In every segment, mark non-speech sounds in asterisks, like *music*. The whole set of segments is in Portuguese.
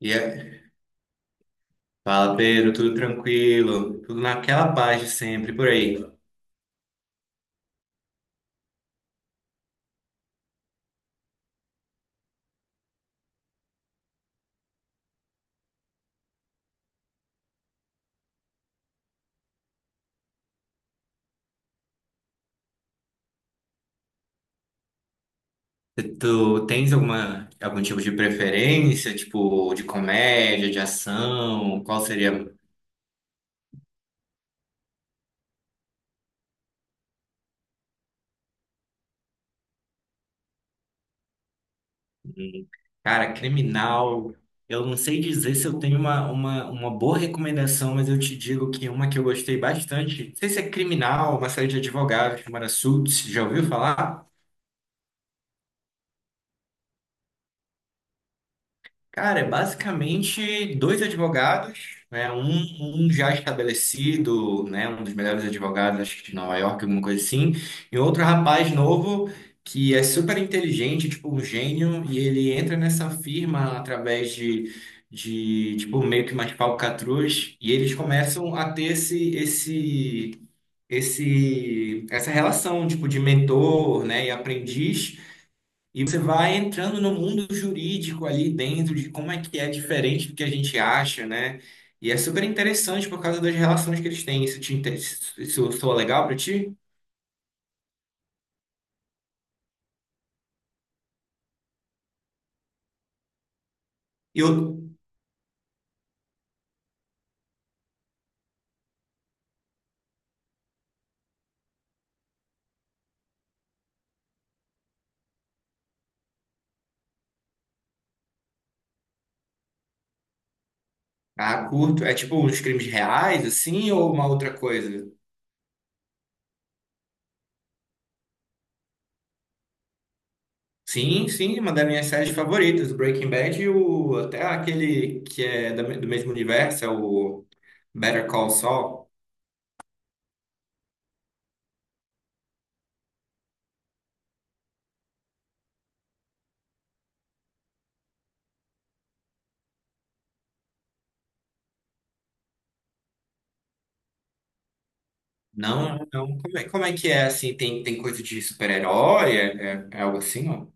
E aí? Fala, Pedro, tudo tranquilo? Tudo naquela paz de sempre, por aí. Tu tens algum tipo de preferência, tipo, de comédia, de ação? Qual seria? Hum. Cara, criminal. Eu não sei dizer se eu tenho uma boa recomendação, mas eu te digo que uma que eu gostei bastante. Não sei se é criminal, uma série de advogados chamada Suits, já ouviu falar? Cara, é basicamente dois advogados, né? Um já estabelecido, né? Um dos melhores advogados, acho que de Nova York, alguma coisa assim, e outro rapaz novo que é super inteligente, tipo um gênio, e ele entra nessa firma através de tipo, meio que umas falcatruas, e eles começam a ter essa relação, tipo, de mentor, né? E aprendiz. E você vai entrando no mundo jurídico ali dentro de como é que é diferente do que a gente acha, né? E é super interessante por causa das relações que eles têm. Isso te interessa, isso soa legal pra ti? E eu, ah, curto. É tipo uns crimes reais, assim, ou uma outra coisa? Sim, sim, uma das minhas séries favoritas, o Breaking Bad e o, até aquele que é do mesmo universo, é o Better Call Saul. Não, não. Como é que é assim? Tem, tem coisa de super-herói? É algo assim, ó?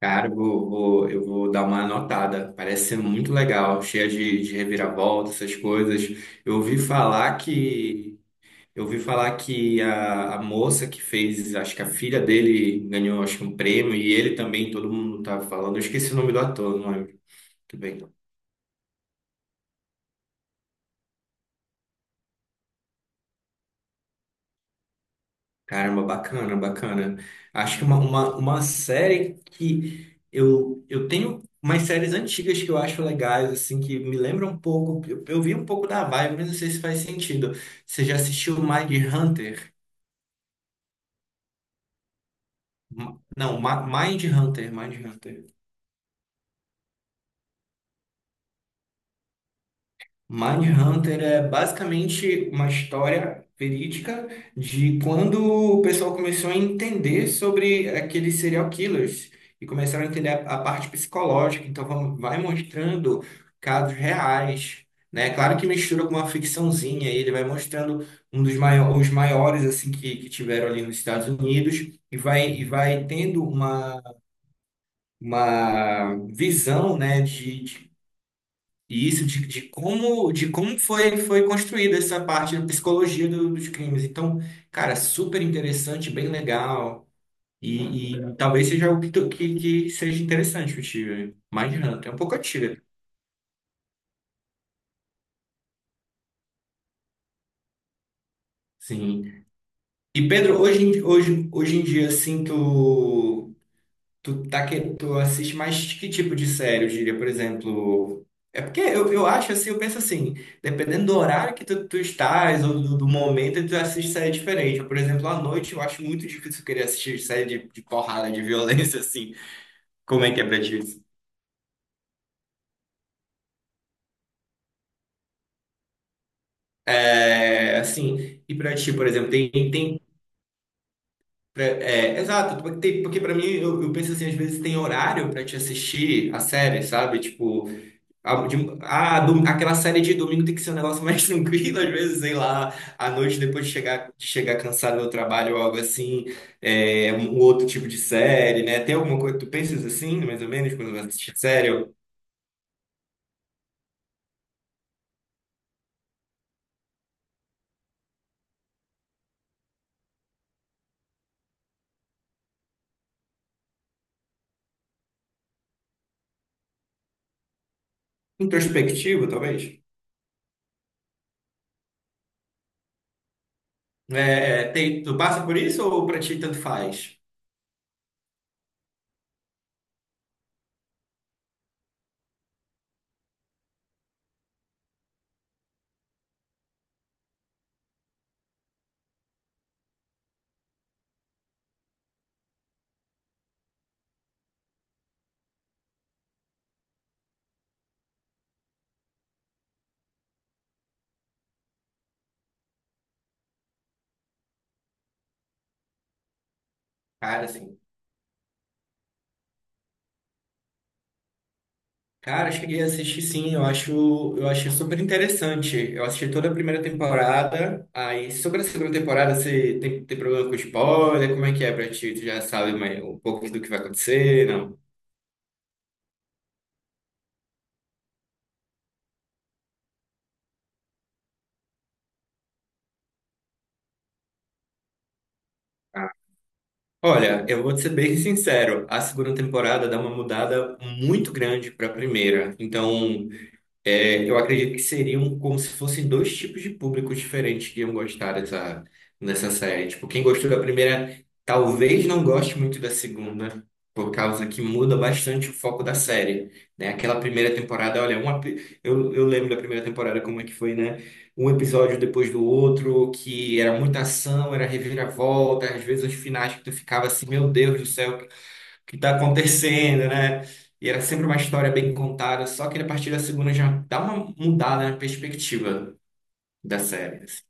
Cara, eu vou dar uma anotada. Parece ser muito legal, cheia de reviravolta, essas coisas. Eu ouvi falar que eu ouvi falar que a moça que fez, acho que a filha dele ganhou, acho que um prêmio e ele também, todo mundo tá falando. Eu esqueci o nome do ator, não lembro. Tudo bem. Caramba, bacana, bacana. Acho que é uma série que eu tenho umas séries antigas que eu acho legais, assim, que me lembram um pouco. Eu vi um pouco da vibe, mas não sei se faz sentido. Você já assistiu Mind Hunter? Não, Mind Hunter. Mindhunter é basicamente uma história verídica de quando o pessoal começou a entender sobre aqueles serial killers e começaram a entender a parte psicológica. Então, vamos, vai mostrando casos reais, né? Claro que mistura com uma ficçãozinha, e ele vai mostrando os maiores assim que tiveram ali nos Estados Unidos e vai tendo uma visão, né, de e isso de como foi construída essa parte da psicologia dos crimes. Então, cara, super interessante, bem legal. E talvez seja algo que que, seja interessante para ti. Mindhunter, é um pouco antiga. Sim. E Pedro, hoje em dia, assim, tu assiste mais que tipo de série, eu diria, por exemplo? É porque eu acho assim, eu penso assim, dependendo do horário que tu estás ou do momento, tu assiste série diferente. Por exemplo, à noite eu acho muito difícil querer assistir série de porrada, de *laughs* violência, assim. Como é que é pra ti isso? É, assim, e pra ti, por exemplo, exato, porque tem, porque pra mim, eu penso assim, às vezes tem horário pra te assistir a série, sabe? Tipo, ah aquela série de domingo tem que ser um negócio mais *laughs* tranquilo, às vezes, sei lá, à noite depois de chegar cansado do trabalho ou algo assim, é, um outro tipo de série, né? Tem alguma coisa que tu pensas assim, mais ou menos, quando vai assistir série? Ou introspectivo, talvez? É, tem, tu passa por isso ou pra ti tanto faz? Cara, assim. Cara, eu cheguei a assistir sim, eu acho, eu achei super interessante. Eu assisti toda a primeira temporada, aí sobre a segunda temporada você tem problema com spoiler, como é que é pra ti? Tu já sabe mais, um pouco do que vai acontecer, não? Ah, olha, eu vou te ser bem sincero, a segunda temporada dá uma mudada muito grande para a primeira. Então, é, eu acredito que seriam como se fossem dois tipos de públicos diferentes que iam gostar dessa série. Tipo, quem gostou da primeira talvez não goste muito da segunda, por causa que muda bastante o foco da série, né? Aquela primeira temporada, olha, eu lembro da primeira temporada como é que foi, né? Um episódio depois do outro, que era muita ação, era reviravolta, às vezes os finais que tu ficava assim, meu Deus do céu, que está acontecendo, né? E era sempre uma história bem contada, só que a partir da segunda já dá uma mudada na perspectiva da série. Assim.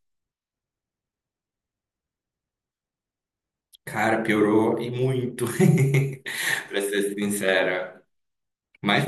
Cara, piorou e muito, *laughs* pra ser sincera. Mas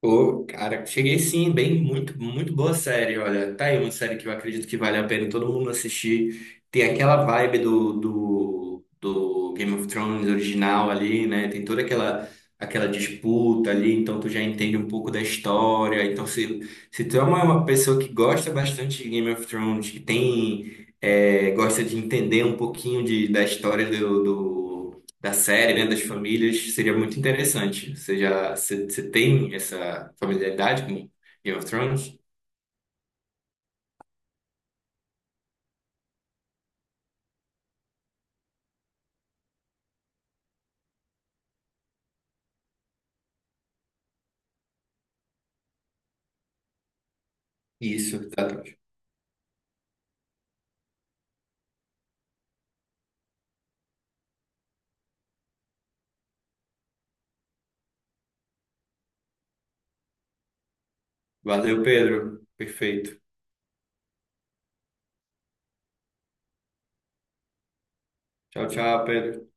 pô, cara, cheguei sim, bem, muito, muito boa série, olha. Tá aí uma série que eu acredito que vale a pena todo mundo assistir. Tem aquela vibe do Game of Thrones original ali, né? Tem toda aquela, aquela disputa ali, então tu já entende um pouco da história. Então, se tu é uma pessoa que gosta bastante de Game of Thrones, que tem, é, gosta de entender um pouquinho de, da história do, do da série, né, das famílias, seria muito interessante. Você tem essa familiaridade com Game of Thrones? Isso, exatamente. Valeu, Pedro. Perfeito. Tchau, tchau, Pedro.